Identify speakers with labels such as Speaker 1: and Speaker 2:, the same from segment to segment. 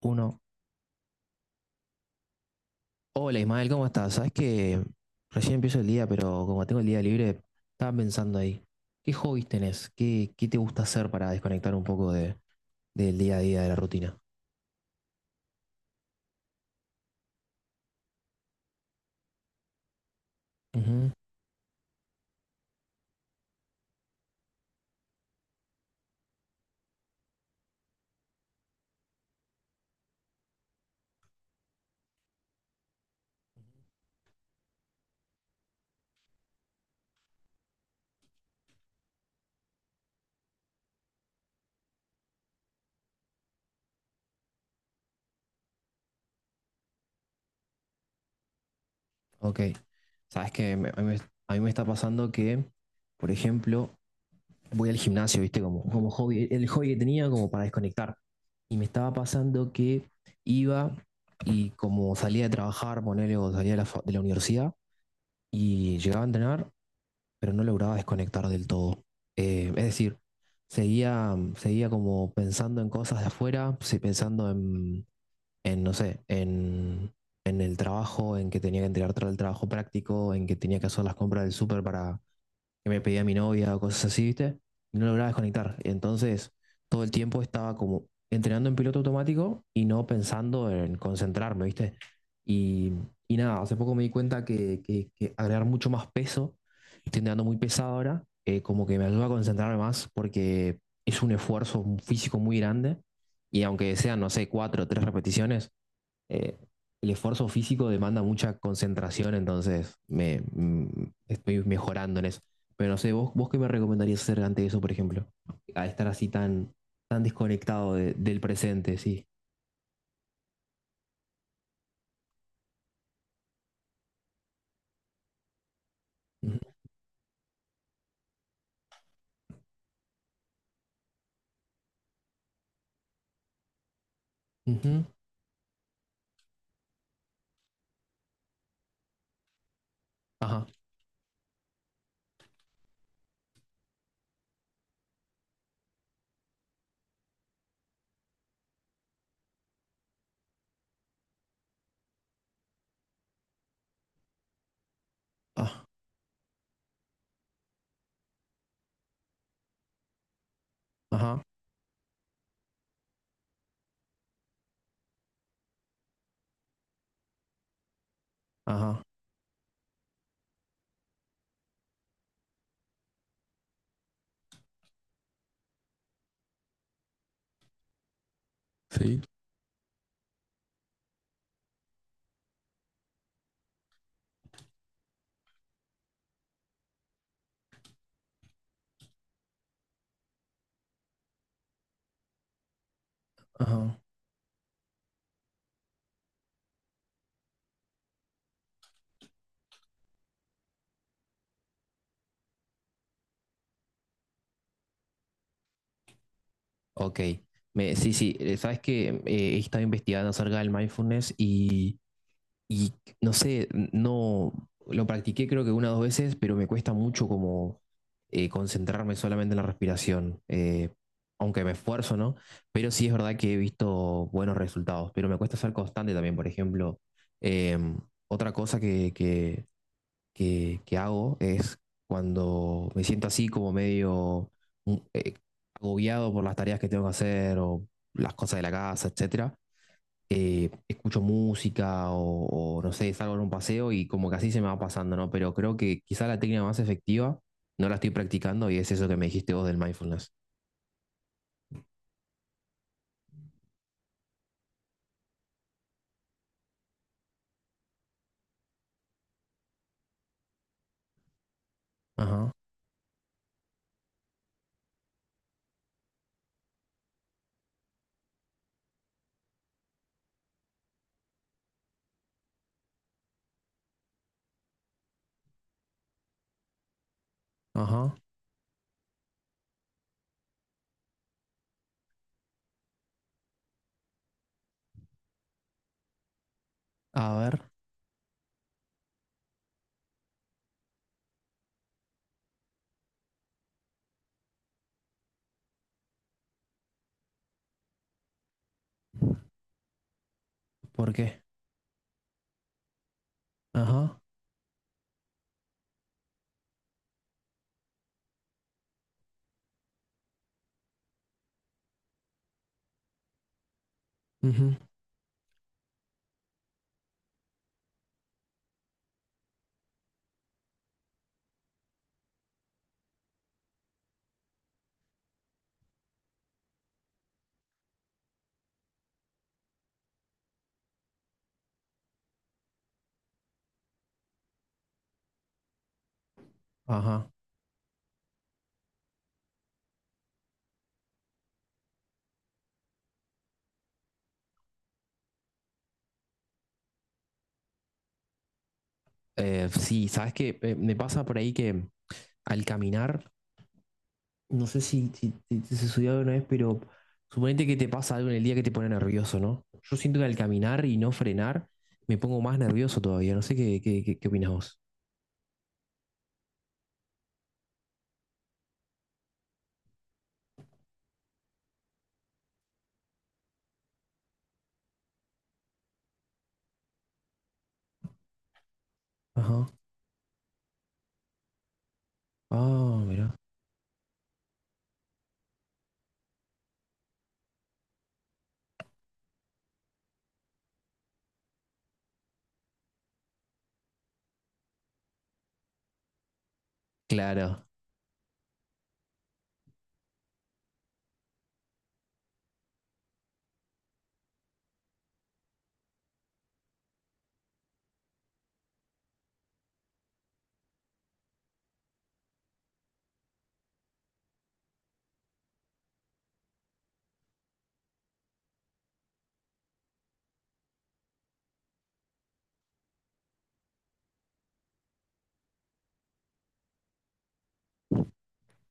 Speaker 1: Uno. Hola Ismael, ¿cómo estás? Sabes que recién empiezo el día, pero como tengo el día libre, estaba pensando ahí. ¿Qué hobbies tenés? ¿Qué te gusta hacer para desconectar un poco del día a día, de la rutina? Ujú. Ok. Sabes que me- a mí, me a mí me está pasando que, por ejemplo, voy al gimnasio, ¿viste? Como hobby, el hobby que tenía como para desconectar. Y me estaba pasando que iba y como salía de trabajar, ponele, o salía de la de la universidad y llegaba a entrenar pero no lograba desconectar del todo. Es decir, seguía como pensando en cosas de afuera, sí, pensando no sé, en el trabajo, en que tenía que entregar el trabajo práctico, en que tenía que hacer las compras del súper para, que me pedía mi novia o cosas así, ¿viste? Y no lograba desconectar. Entonces, todo el tiempo estaba como entrenando en piloto automático y no pensando en concentrarme, ¿viste? Y, y nada, hace poco me di cuenta que agregar mucho más peso, estoy entrenando muy pesado ahora, como que me ayuda a concentrarme más porque es un esfuerzo físico muy grande y aunque sean, no sé, cuatro o tres repeticiones, eh, el esfuerzo físico demanda mucha concentración, entonces estoy mejorando en eso. Pero no sé, ¿vos qué me recomendarías hacer ante eso, por ejemplo? A estar así tan, tan desconectado del presente, sí. Ujú, ujú. Ajá, ah, ajá, ajá. Sí. Ajá. Ok. Sí, sí, sabes que he estado investigando acerca del mindfulness y no sé, no lo practiqué creo que una o dos veces, pero me cuesta mucho como concentrarme solamente en la respiración, aunque me esfuerzo, ¿no? Pero sí es verdad que he visto buenos resultados, pero me cuesta ser constante también, por ejemplo. eh, otra cosa que hago es cuando me siento así como medio mm, eh, agobiado por las tareas que tengo que hacer o las cosas de la casa, etcétera, escucho música o no sé, salgo en un paseo y como que así se me va pasando, ¿no? Pero creo que quizá la técnica más efectiva no la estoy practicando y es eso que me dijiste vos del mindfulness. Ajá, ajá. A ver, ¿por qué? Ajá, ujú, ajá. Sí, sabes que me pasa por ahí que al caminar, no sé si se subió alguna vez, pero suponete que te pasa algo en el día que te pone nervioso, ¿no? Yo siento que al caminar y no frenar me pongo más nervioso todavía. No sé qué opinás vos. Ajá. Ah, mira. Claro.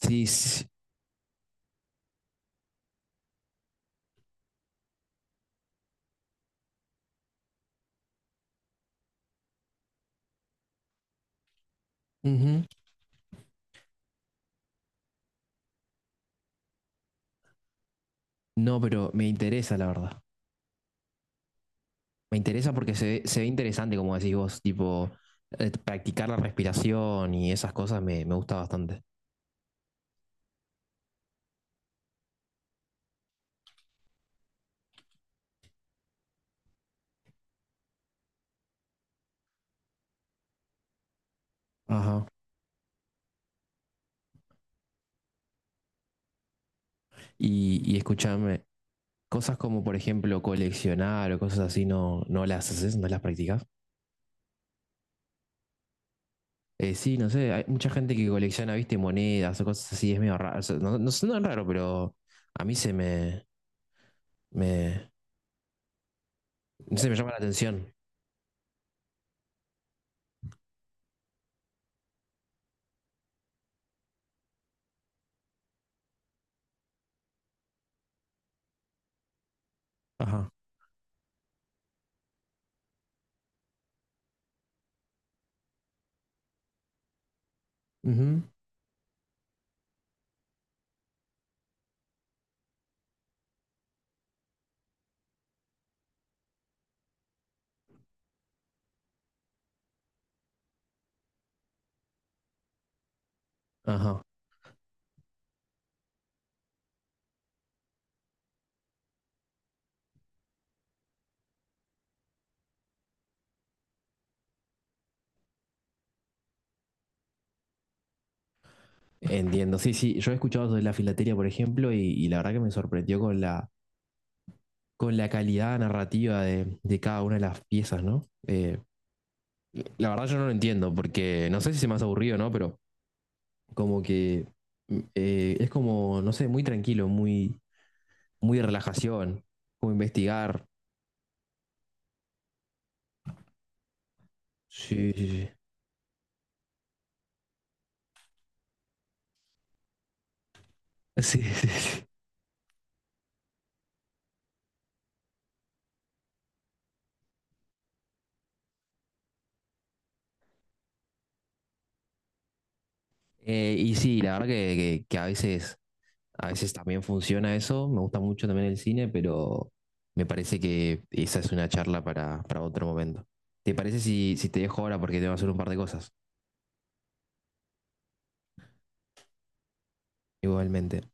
Speaker 1: Sí, sí. Ujú. No, pero me interesa, la verdad. Me interesa porque se ve interesante, como decís vos, tipo, practicar la respiración y esas cosas me gusta bastante. Ajá. Y escuchame, cosas como, por ejemplo, coleccionar o cosas así, ¿no, no las haces, no las practicas? Sí, no sé, hay mucha gente que colecciona, viste, monedas o cosas así, es medio raro. O sea, sé, no es raro, pero a mí me, no sé, me llama la atención. Ajá. Ujú. Ajá, entiendo. Sí, sí, yo he escuchado de la filatelia por ejemplo, y la verdad que me sorprendió con la calidad narrativa de cada una de las piezas, ¿no? La verdad yo no lo entiendo, porque no sé si se me hace aburrido, ¿no? Pero como que es como, no sé, muy tranquilo, muy, muy de relajación, como investigar. Sí, sí, sí. Sí, sí, sí. Y sí, la verdad que a veces a veces también funciona eso, me gusta mucho también el cine, pero me parece que esa es una charla para otro momento. ¿Te parece si, si te dejo ahora porque tengo que hacer un par de cosas? Igualmente.